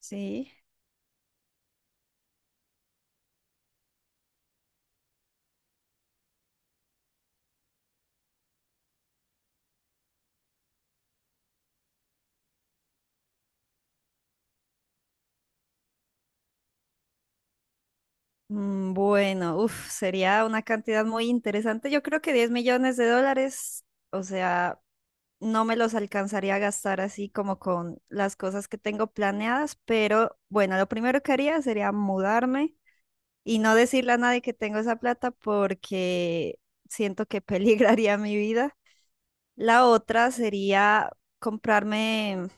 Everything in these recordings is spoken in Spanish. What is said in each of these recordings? Sí. Bueno, uf, sería una cantidad muy interesante. Yo creo que 10 millones de dólares, o sea, no me los alcanzaría a gastar así como con las cosas que tengo planeadas, pero bueno, lo primero que haría sería mudarme y no decirle a nadie que tengo esa plata porque siento que peligraría mi vida. La otra sería comprarme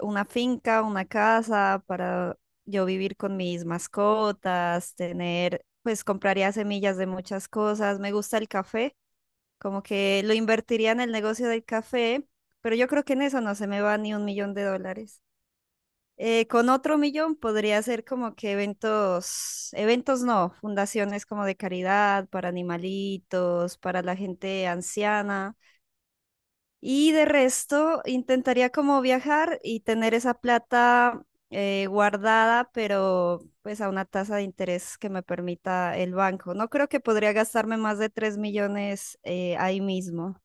una finca, una casa para yo vivir con mis mascotas, tener, pues compraría semillas de muchas cosas. Me gusta el café, como que lo invertiría en el negocio del café, pero yo creo que en eso no se me va ni 1 millón de dólares. Con otro millón podría ser como que eventos, eventos no, fundaciones como de caridad, para animalitos, para la gente anciana. Y de resto, intentaría como viajar y tener esa plata guardada, pero pues a una tasa de interés que me permita el banco. No creo que podría gastarme más de 3 millones ahí mismo.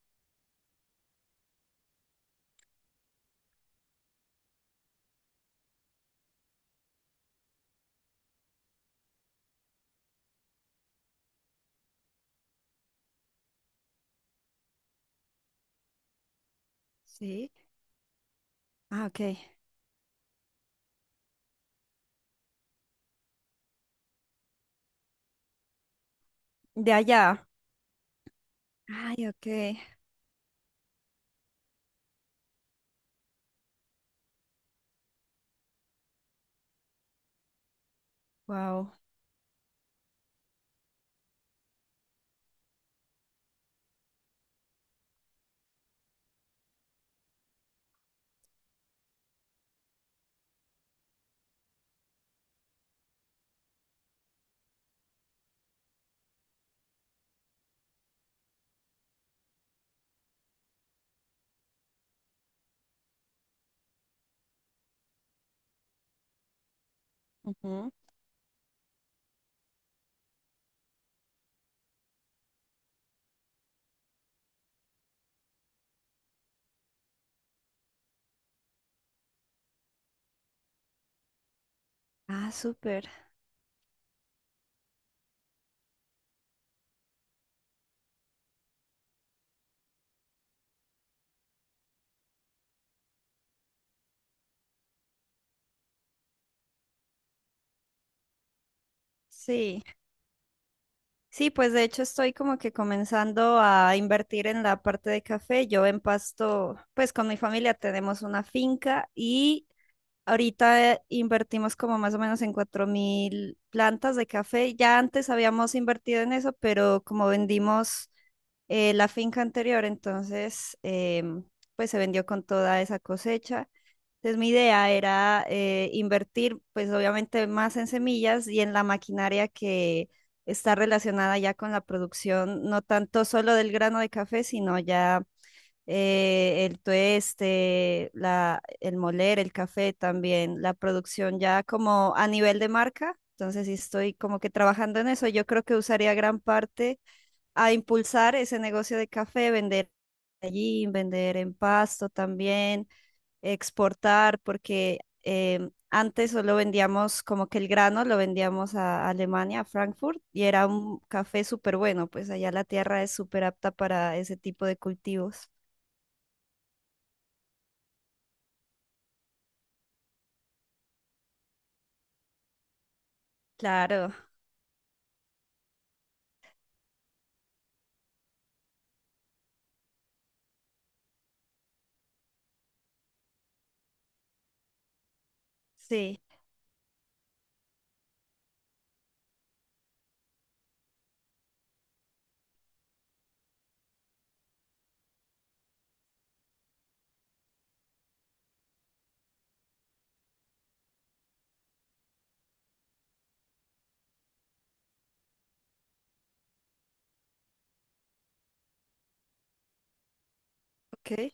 Sí. Ah, ok. De allá. Ay, ok. Wow. Ah, súper. Sí. Sí, pues de hecho estoy como que comenzando a invertir en la parte de café. Yo empasto, pues con mi familia tenemos una finca y ahorita invertimos como más o menos en 4.000 plantas de café. Ya antes habíamos invertido en eso, pero como vendimos la finca anterior, entonces pues se vendió con toda esa cosecha. Entonces mi idea era invertir pues obviamente más en semillas y en la maquinaria que está relacionada ya con la producción, no tanto solo del grano de café, sino ya el tueste, la, el moler, el café también, la producción ya como a nivel de marca. Entonces, sí estoy como que trabajando en eso. Yo creo que usaría gran parte a impulsar ese negocio de café, vender allí, vender en Pasto también, exportar, porque antes solo vendíamos como que el grano, lo vendíamos a Alemania, a Frankfurt, y era un café súper bueno, pues allá la tierra es súper apta para ese tipo de cultivos. Claro. Sí, ok.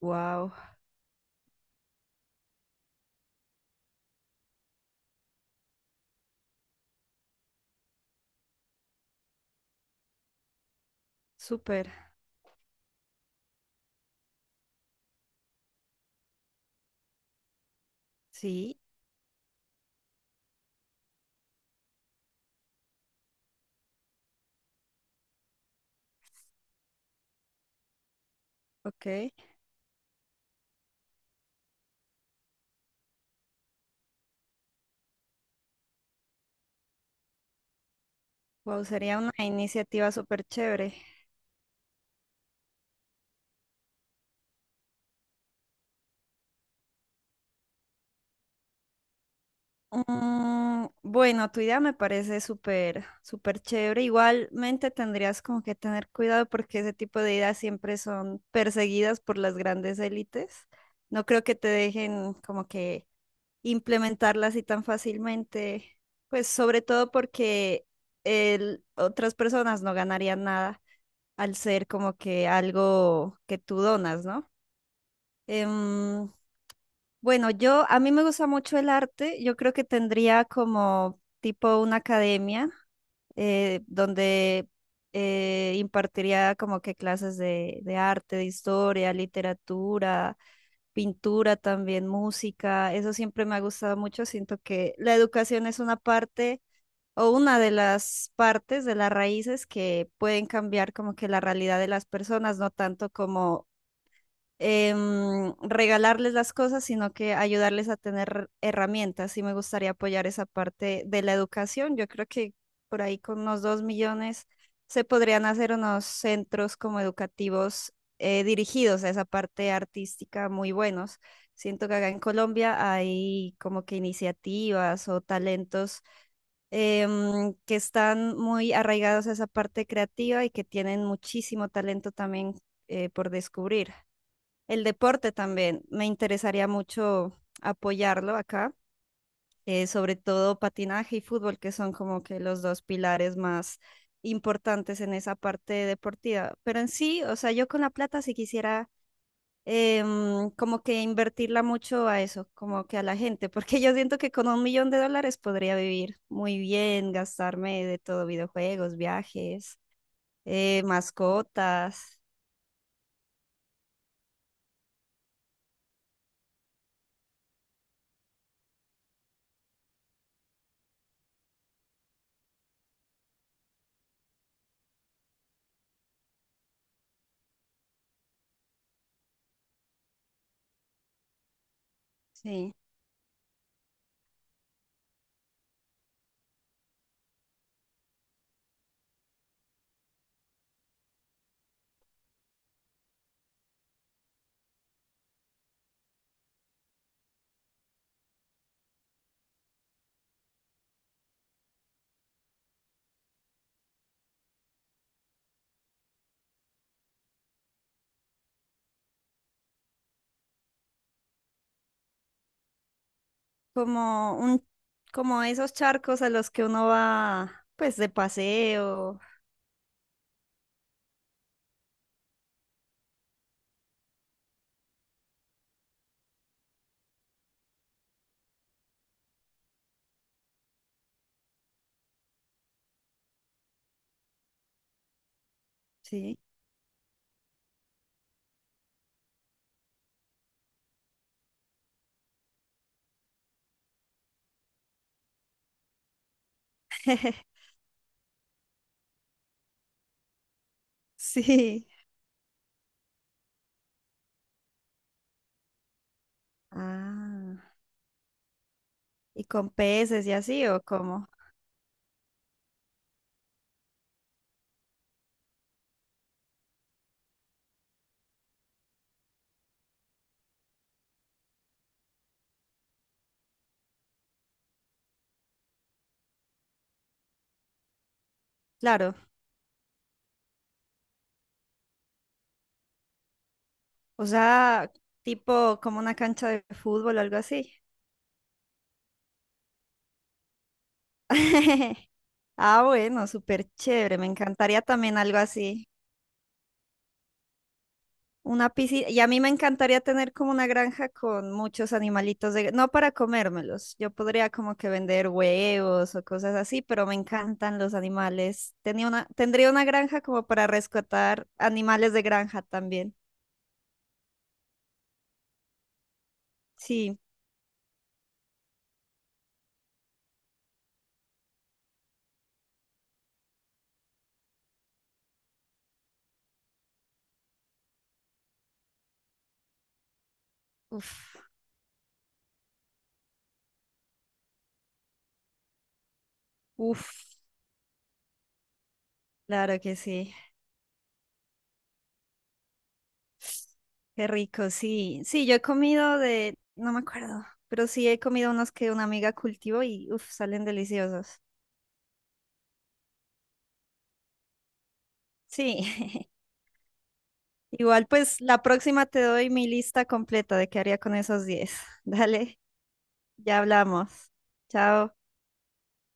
Wow, súper. Sí, ok. Wow, sería una iniciativa súper chévere. Bueno, tu idea me parece súper, súper chévere. Igualmente tendrías como que tener cuidado porque ese tipo de ideas siempre son perseguidas por las grandes élites. No creo que te dejen como que implementarlas así tan fácilmente. Pues sobre todo porque otras personas no ganarían nada. Al ser como que algo que tú donas, ¿no? Em, bueno, yo, a mí me gusta mucho el arte, yo creo que tendría como tipo una academia donde impartiría como que clases de arte, de historia, literatura, pintura también, música, eso siempre me ha gustado mucho, siento que la educación es una parte o una de las partes de las raíces que pueden cambiar como que la realidad de las personas, no tanto como regalarles las cosas, sino que ayudarles a tener herramientas. Y me gustaría apoyar esa parte de la educación. Yo creo que por ahí con unos 2 millones se podrían hacer unos centros como educativos dirigidos a esa parte artística muy buenos. Siento que acá en Colombia hay como que iniciativas o talentos que están muy arraigados a esa parte creativa y que tienen muchísimo talento también por descubrir. El deporte también, me interesaría mucho apoyarlo acá, sobre todo patinaje y fútbol, que son como que los dos pilares más importantes en esa parte deportiva. Pero en sí, o sea, yo con la plata si quisiera como que invertirla mucho a eso, como que a la gente, porque yo siento que con 1 millón de dólares podría vivir muy bien, gastarme de todo, videojuegos, viajes, mascotas, sí, como un, como esos charcos a los que uno va, pues de paseo, sí, sí, ah, y con peces y así, o como, claro, o sea, tipo como una cancha de fútbol o algo así. Ah, bueno, súper chévere. Me encantaría también algo así. Una piscina. Y a mí me encantaría tener como una granja con muchos animalitos de... No para comérmelos. Yo podría como que vender huevos o cosas así, pero me encantan los animales. Tenía una... Tendría una granja como para rescatar animales de granja también. Sí. Uf. Uf. Claro que sí. Qué rico, sí. Sí, yo he comido de... No me acuerdo. Pero sí he comido unos que una amiga cultivó y uf, salen deliciosos. Sí, igual pues la próxima te doy mi lista completa de qué haría con esos 10. Dale, ya hablamos. Chao.